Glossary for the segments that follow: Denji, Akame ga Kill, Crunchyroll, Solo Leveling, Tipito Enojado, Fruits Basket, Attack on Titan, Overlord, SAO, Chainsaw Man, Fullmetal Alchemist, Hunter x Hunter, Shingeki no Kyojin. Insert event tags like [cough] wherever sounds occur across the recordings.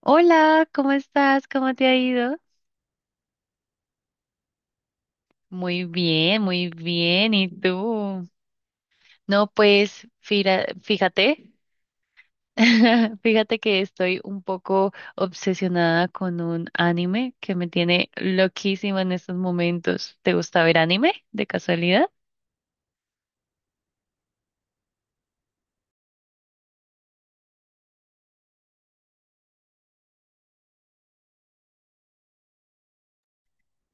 Hola, ¿cómo estás? ¿Cómo te ha ido? Muy bien, muy bien. ¿Y tú? No, pues fíjate, [laughs] fíjate que estoy un poco obsesionada con un anime que me tiene loquísima en estos momentos. ¿Te gusta ver anime de casualidad?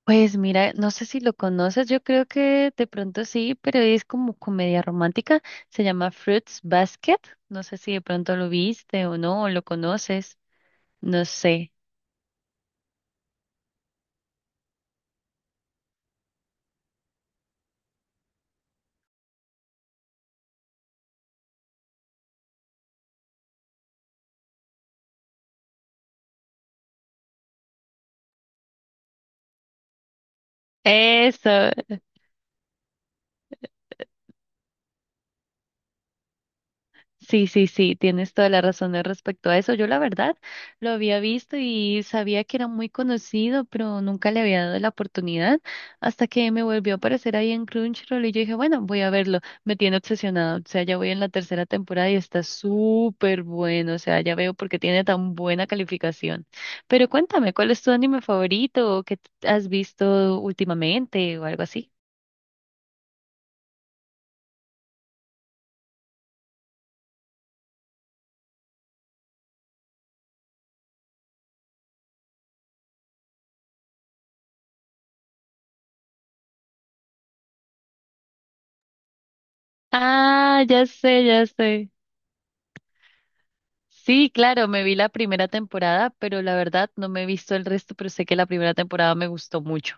Pues mira, no sé si lo conoces, yo creo que de pronto sí, pero es como comedia romántica. Se llama Fruits Basket. No sé si de pronto lo viste o no, o lo conoces. No sé. Eso, sí, sí, sí, tienes toda la razón al respecto a eso. Yo la verdad lo había visto y sabía que era muy conocido, pero nunca le había dado la oportunidad hasta que me volvió a aparecer ahí en Crunchyroll y yo dije, bueno, voy a verlo. Me tiene obsesionado, o sea, ya voy en la tercera temporada y está súper bueno, o sea, ya veo por qué tiene tan buena calificación. Pero cuéntame, ¿cuál es tu anime favorito o qué has visto últimamente o algo así? Ah, ya sé, ya sé. Sí, claro, me vi la primera temporada, pero la verdad no me he visto el resto, pero sé que la primera temporada me gustó mucho.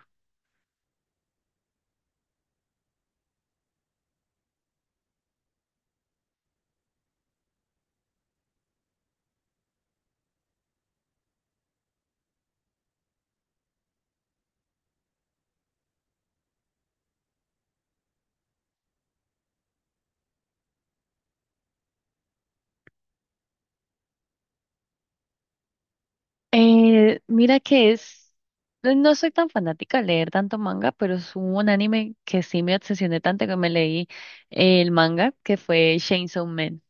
Mira que es, no soy tan fanática de leer tanto manga, pero es un anime que sí me obsesioné tanto que me leí el manga, que fue Chainsaw Man.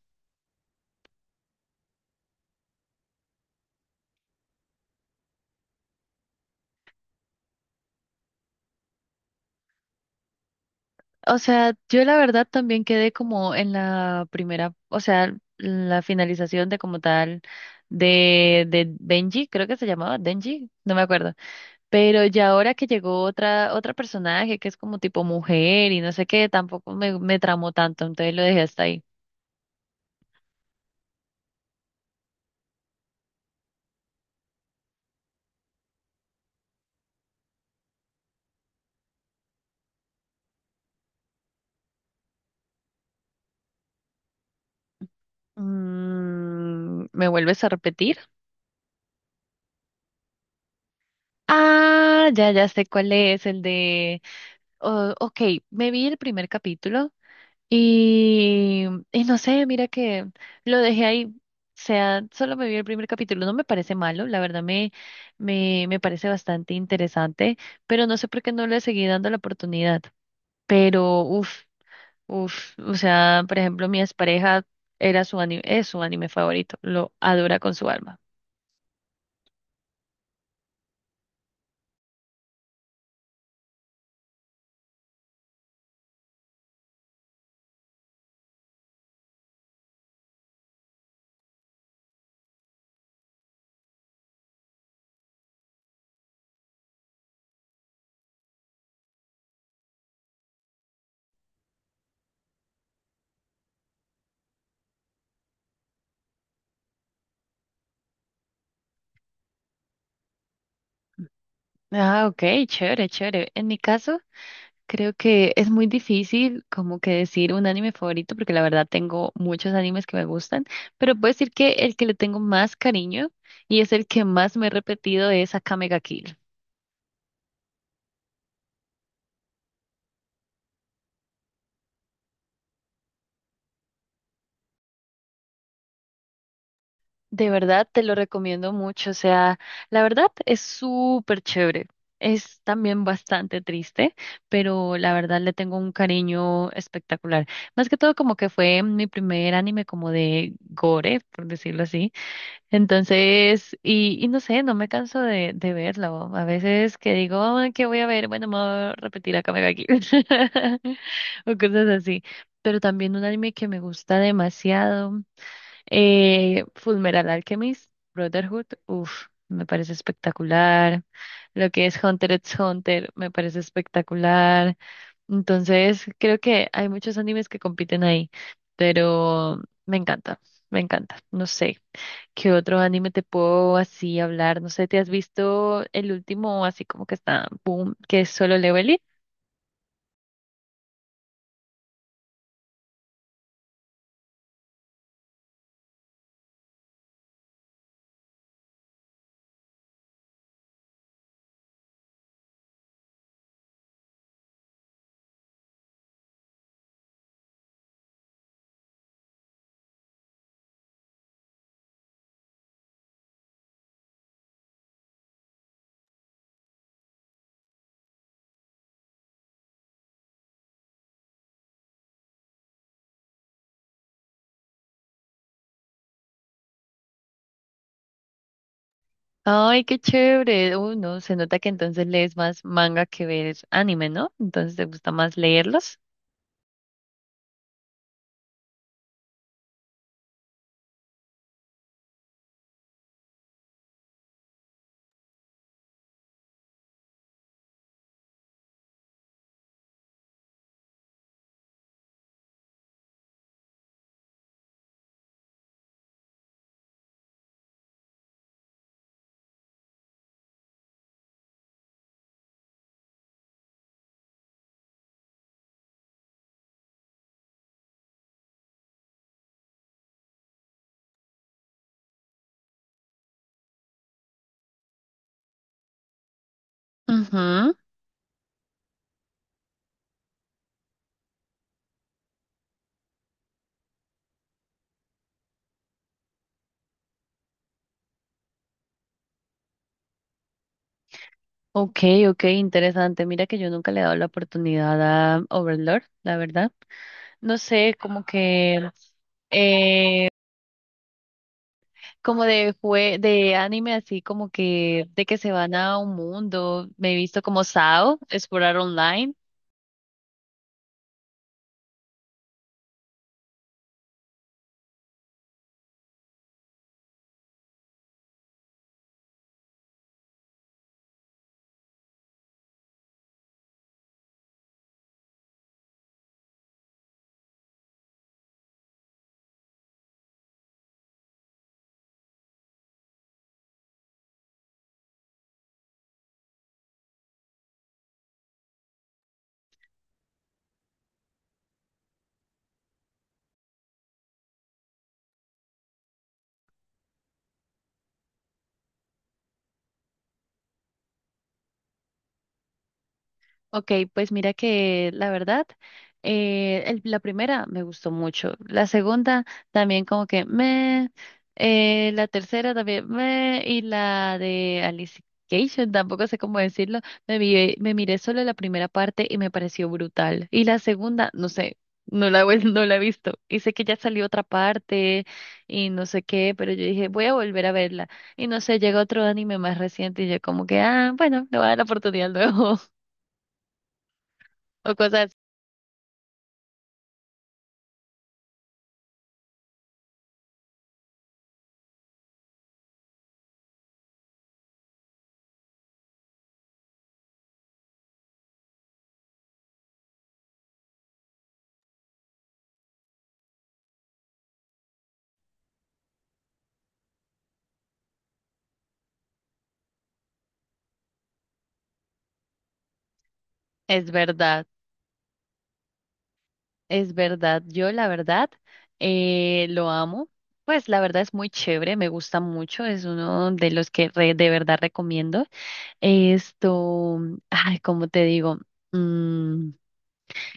O sea, yo la verdad también quedé como en la primera, o sea, la finalización de como tal de Denji, creo que se llamaba Denji, no me acuerdo. Pero ya ahora que llegó otra, otra personaje que es como tipo mujer y no sé qué, tampoco me tramó tanto, entonces lo dejé hasta ahí. Mm, ¿me vuelves a repetir? Ah, ya, ya sé cuál es, el de... Oh, ok, me vi el primer capítulo y, y no sé, mira que lo dejé ahí. O sea, solo me vi el primer capítulo, no me parece malo, la verdad me parece bastante interesante, pero no sé por qué no le seguí dando la oportunidad. Pero, uff. Uf, o sea, por ejemplo, mi expareja era su anime, es su anime favorito, lo adora con su alma. Ah, ok, chévere, chévere. En mi caso, creo que es muy difícil como que decir un anime favorito, porque la verdad tengo muchos animes que me gustan, pero puedo decir que el que le tengo más cariño y es el que más me he repetido es Akame ga Kill. De verdad, te lo recomiendo mucho. O sea, la verdad es súper chévere. Es también bastante triste, pero la verdad le tengo un cariño espectacular. Más que todo como que fue mi primer anime como de gore, por decirlo así. Entonces, y no sé, no me canso de verlo. A veces que digo, "Ah, ¿qué voy a ver? Bueno, me voy a repetir acá, me aquí." [laughs] O cosas así. Pero también un anime que me gusta demasiado. Fullmetal Alchemist, Brotherhood, uff, me parece espectacular. Lo que es Hunter x Hunter, me parece espectacular. Entonces, creo que hay muchos animes que compiten ahí, pero me encanta, me encanta. No sé, ¿qué otro anime te puedo así hablar? No sé, ¿te has visto el último así como que está, boom, que es Solo Leveling? Ay, qué chévere. Uy, no, se nota que entonces lees más manga que ves anime, ¿no? Entonces te gusta más leerlos. Ujú. Ok, ok, interesante. Mira que yo nunca le he dado la oportunidad a Overlord, la verdad. No sé, como que, eh, como de jue de anime así, como que de que se van a un mundo. Me he visto como Sao, explorar online. Ok, pues mira que la verdad, el- la primera me gustó mucho, la segunda también como que la tercera también me, y la de Alicia tampoco sé cómo decirlo, me, vi- me miré solo la primera parte y me pareció brutal, y la segunda, no sé, no la, he vuel- no la he visto, y sé que ya salió otra parte y no sé qué, pero yo dije, voy a volver a verla, y no sé, llega otro anime más reciente y yo como que, ah, bueno, le voy a dar la oportunidad luego. [laughs] O cosas. Es verdad, es verdad. Yo la verdad lo amo. Pues la verdad es muy chévere, me gusta mucho, es uno de los que re- de verdad recomiendo. Esto, ay, ¿cómo te digo? Mm,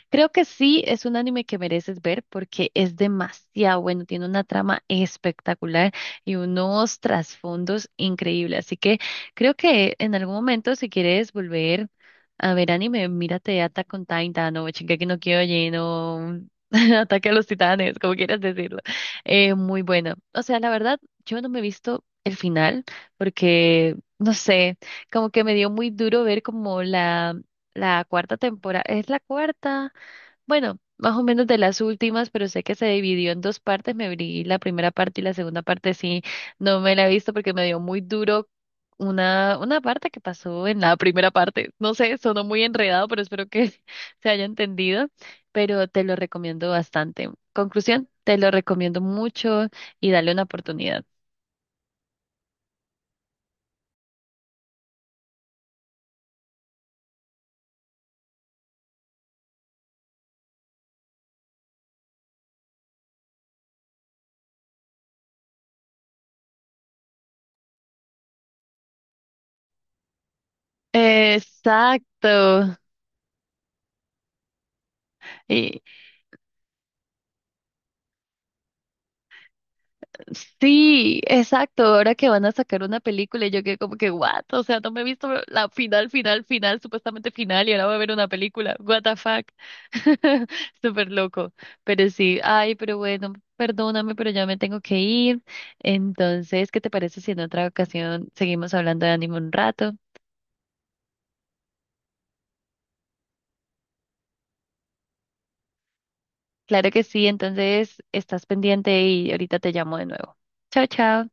creo que sí, es un anime que mereces ver porque es demasiado bueno, tiene una trama espectacular y unos trasfondos increíbles. Así que creo que en algún momento, si quieres volver a ver anime, mírate Attack on Titan o Shingeki no Kyojin o [laughs] Ataque a los Titanes, como quieras decirlo. Muy bueno. O sea, la verdad, yo no me he visto el final porque, no sé, como que me dio muy duro ver como la... La cuarta temporada, es la cuarta, bueno, más o menos de las últimas, pero sé que se dividió en dos partes. Me vi la primera parte y la segunda parte sí, no me la he visto porque me dio muy duro una parte que pasó en la primera parte. No sé, sonó muy enredado, pero espero que [laughs] se haya entendido. Pero te lo recomiendo bastante. Conclusión, te lo recomiendo mucho y dale una oportunidad. Exacto. Y sí, exacto. Ahora que van a sacar una película, y yo quedé como que, what? O sea, no me he visto la final, final, final, supuestamente final, y ahora voy a ver una película. What the fuck. [laughs] Súper loco. Pero sí, ay, pero bueno, perdóname, pero ya me tengo que ir. Entonces, ¿qué te parece si en otra ocasión seguimos hablando de anime un rato? Claro que sí, entonces estás pendiente y ahorita te llamo de nuevo. Chao, chao.